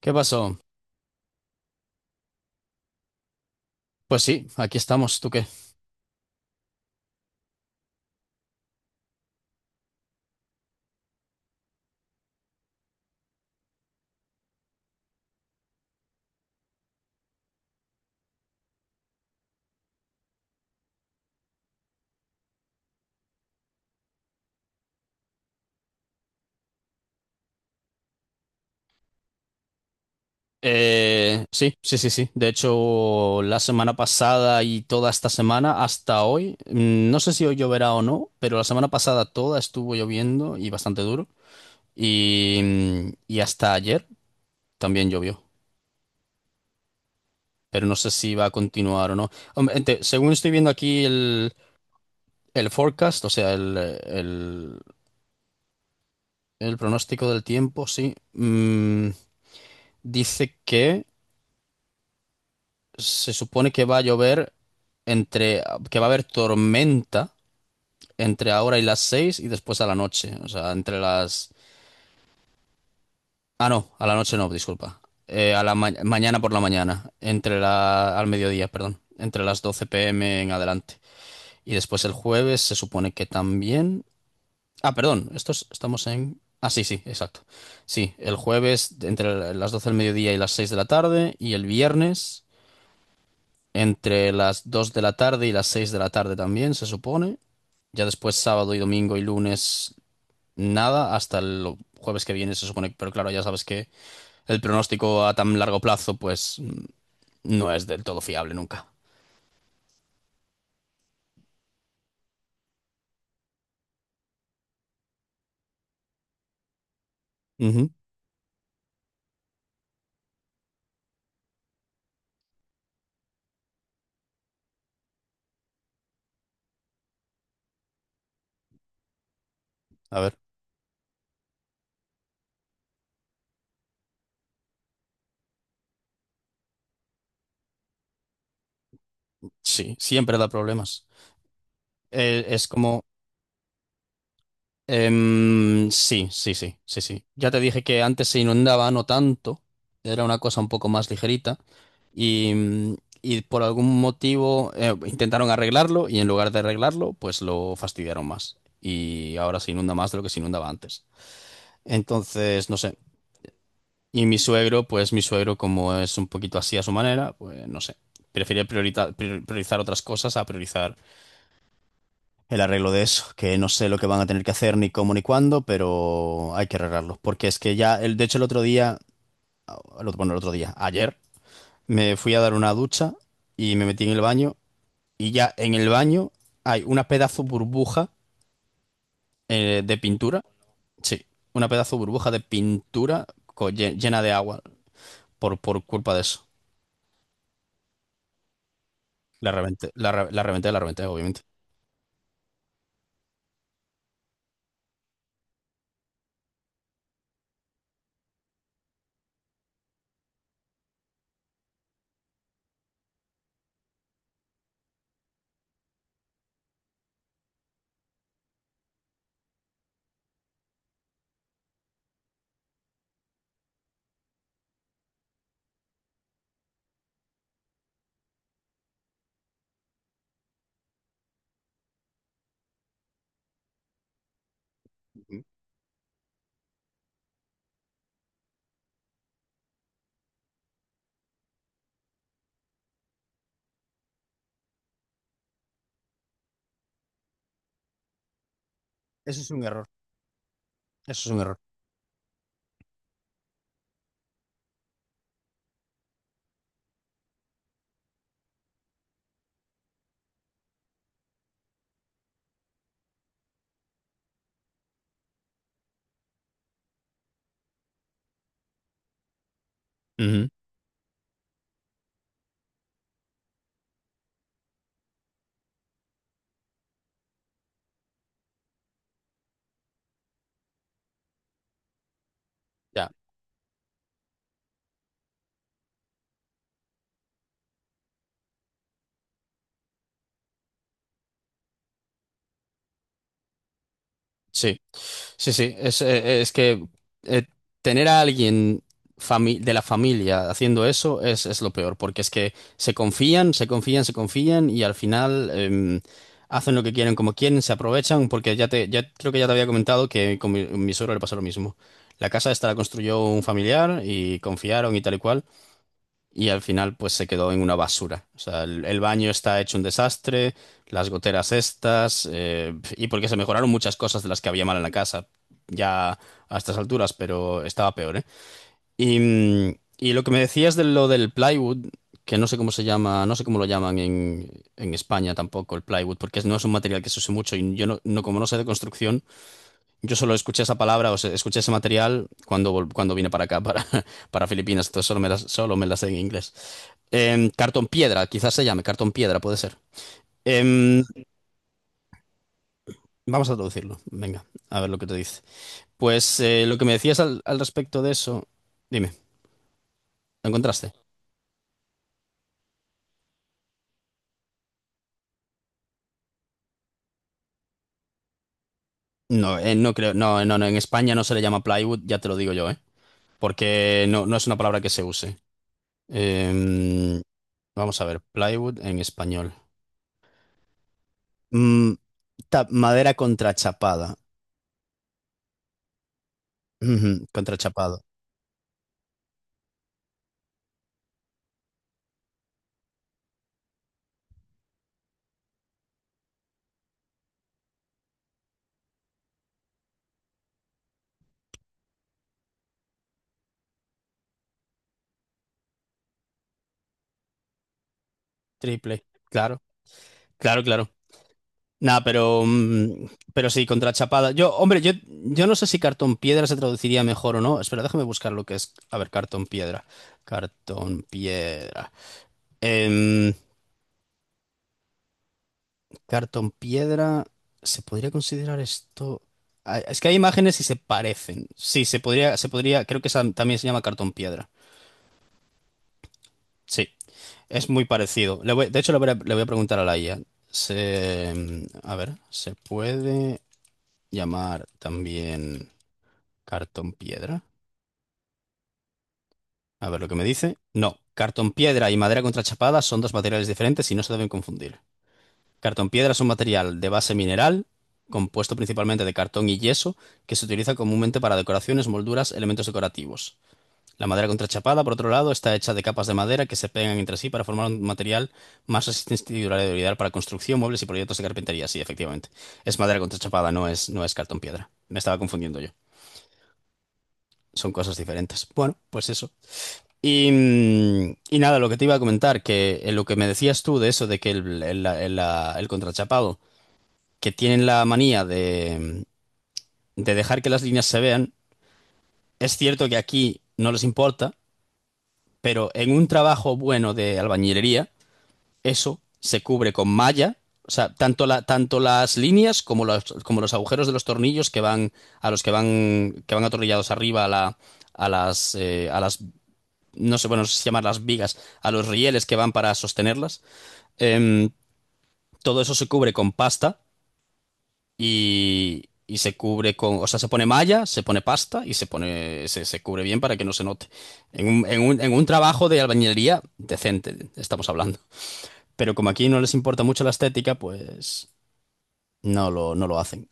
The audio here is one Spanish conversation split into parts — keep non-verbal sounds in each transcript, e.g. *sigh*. ¿Qué pasó? Pues sí, aquí estamos, ¿tú qué? Sí, sí, sí, sí. De hecho, la semana pasada y toda esta semana hasta hoy, no sé si hoy lloverá o no, pero la semana pasada toda estuvo lloviendo y bastante duro. Y hasta ayer también llovió, pero no sé si va a continuar o no. Hombre, según estoy viendo aquí el forecast, o sea, el- el pronóstico del tiempo, sí, dice que se supone que va a llover entre, que va a haber tormenta entre ahora y las 6 y después a la noche. O sea, entre las. Ah, no, a la noche no, disculpa. A la mañana por la mañana, al mediodía, perdón, entre las 12 p.m. en adelante. Y después el jueves se supone que también. Ah, perdón, estos estamos en. Ah, sí, sí, exacto. Sí, el jueves entre las 12 del mediodía y las 6 de la tarde y el viernes entre las 2 de la tarde y las 6 de la tarde también, se supone. Ya después sábado y domingo y lunes nada, hasta el jueves que viene se supone, pero claro, ya sabes que el pronóstico a tan largo plazo pues no es del todo fiable nunca. Ujú. A ver, sí, siempre da problemas. Es como, sí, sí, sí, sí, sí. Ya te dije que antes se inundaba, no tanto. Era una cosa un poco más ligerita. Y, mm, y por algún motivo intentaron arreglarlo y en lugar de arreglarlo, pues lo fastidiaron más. Y ahora se inunda más de lo que se inundaba antes. Entonces, no sé. Y mi suegro, como es un poquito así a su manera, pues no sé. Prefiere priorizar otras cosas a priorizar el arreglo de eso, que no sé lo que van a tener que hacer ni cómo ni cuándo, pero hay que arreglarlo, porque es que ya, de hecho el otro día, el otro- bueno, el otro día, ayer, me fui a dar una ducha y me metí en el baño y ya en el baño hay una pedazo burbuja de pintura, sí, una pedazo burbuja de pintura llena de agua por culpa de eso. La reventé, la, re- la reventé, obviamente. Eso es un error. Eso es un error. Ujú. Ya, sí. Sí, sí, es que eh, tener a alguien de la familia haciendo eso es lo peor, porque es que se confían, se confían, se confían y al final hacen lo que quieren, como quieren, se aprovechan, porque ya creo que ya te había comentado que con mi suegro le pasó lo mismo. La casa esta la construyó un familiar y confiaron y tal y cual. Y al final, pues se quedó en una basura. O sea, el baño está hecho un desastre, las goteras estas, y porque se mejoraron muchas cosas de las que había mal en la casa, ya a estas alturas, pero estaba peor, ¿eh? Y lo que me decías de lo del plywood, que no sé cómo se llama, no sé cómo lo llaman en España tampoco, el plywood, porque no es un material que se use mucho, y yo como no sé de construcción, yo solo escuché esa palabra, o sea, escuché ese material cuando vine para acá, para, *laughs* para Filipinas, entonces solo solo me la sé en inglés. Cartón piedra, quizás se llame cartón piedra, puede ser. Em, vamos a traducirlo. Venga, a ver lo que te dice. Pues lo que me decías al respecto de eso, dime, ¿lo encontraste? No, no creo, no, no, no, en España no se le llama plywood, ya te lo digo yo, ¿eh? Porque no es una palabra que se use. Em, vamos a ver, plywood en español. Mm, madera contrachapada. Ujú, contrachapado. Triple. Claro, claro, claro. Nada, pero sí, contra Chapada. Hombre, yo no sé si cartón piedra se traduciría mejor o no. Espera, déjame buscar lo que es. A ver, cartón piedra. Cartón piedra. Em, cartón piedra. ¿Se podría considerar esto? Ah, es que hay imágenes y se parecen. Sí, se podría, se podría. Creo que esa también se llama cartón piedra. Sí, es muy parecido. De hecho, le voy a preguntar a la IA. Se, a ver, ¿se puede llamar también cartón piedra? A ver lo que me dice. No, cartón piedra y madera contrachapada son dos materiales diferentes y no se deben confundir. Cartón piedra es un material de base mineral, compuesto principalmente de cartón y yeso, que se utiliza comúnmente para decoraciones, molduras, elementos decorativos. La madera contrachapada, por otro lado, está hecha de capas de madera que se pegan entre sí para formar un material más resistente y duradero ideal para construcción, muebles y proyectos de carpintería. Sí, efectivamente. Es madera contrachapada, no es cartón piedra. Me estaba confundiendo yo. Son cosas diferentes. Bueno, pues eso. Y nada, lo que te iba a comentar, que lo que me decías tú de eso, de que el contrachapado, que tienen la manía de dejar que las líneas se vean, es cierto que aquí no les importa, pero en un trabajo bueno de albañilería, eso se cubre con malla, o sea, tanto las líneas como los agujeros de los tornillos que van atornillados arriba a las no sé, bueno, no sé si llamar las vigas, a los rieles que van para sostenerlas. Em, todo eso se cubre con pasta y se cubre con, o sea, se pone malla, se pone pasta y se cubre bien para que no se note. En un trabajo de albañilería decente, estamos hablando. Pero como aquí no les importa mucho la estética, pues no lo hacen.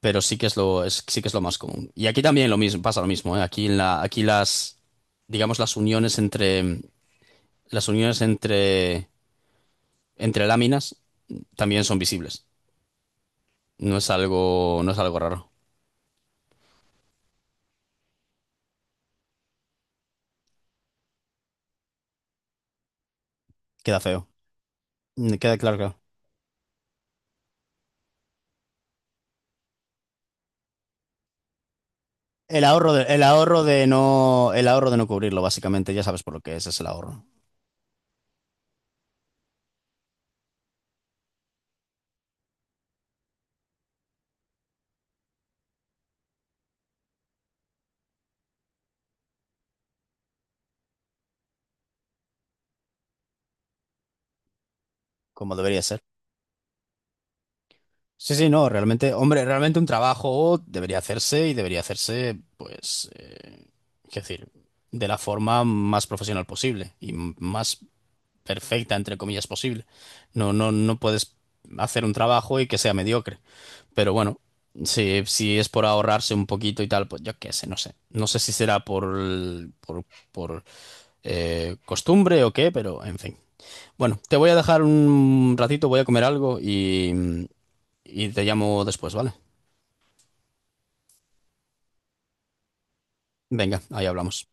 Pero sí que es lo más común. Y aquí también lo mismo, pasa lo mismo, ¿eh? Aquí aquí las, digamos, las uniones entre láminas también son visibles. No es algo raro. Queda feo. Queda claro, claro. El ahorro de no cubrirlo, básicamente, ya sabes por lo que es, el ahorro, como debería ser. Sí, sí, no, realmente, hombre, realmente un trabajo debería hacerse y debería hacerse, pues, es decir, de la forma más profesional posible y más perfecta, entre comillas, posible. No, no, no puedes hacer un trabajo y que sea mediocre. Pero bueno, si es por ahorrarse un poquito y tal, pues yo qué sé, no sé. No sé si será por costumbre o qué, pero en fin. Bueno, te voy a dejar un ratito, voy a comer algo y te llamo después, ¿vale? Venga, ahí hablamos.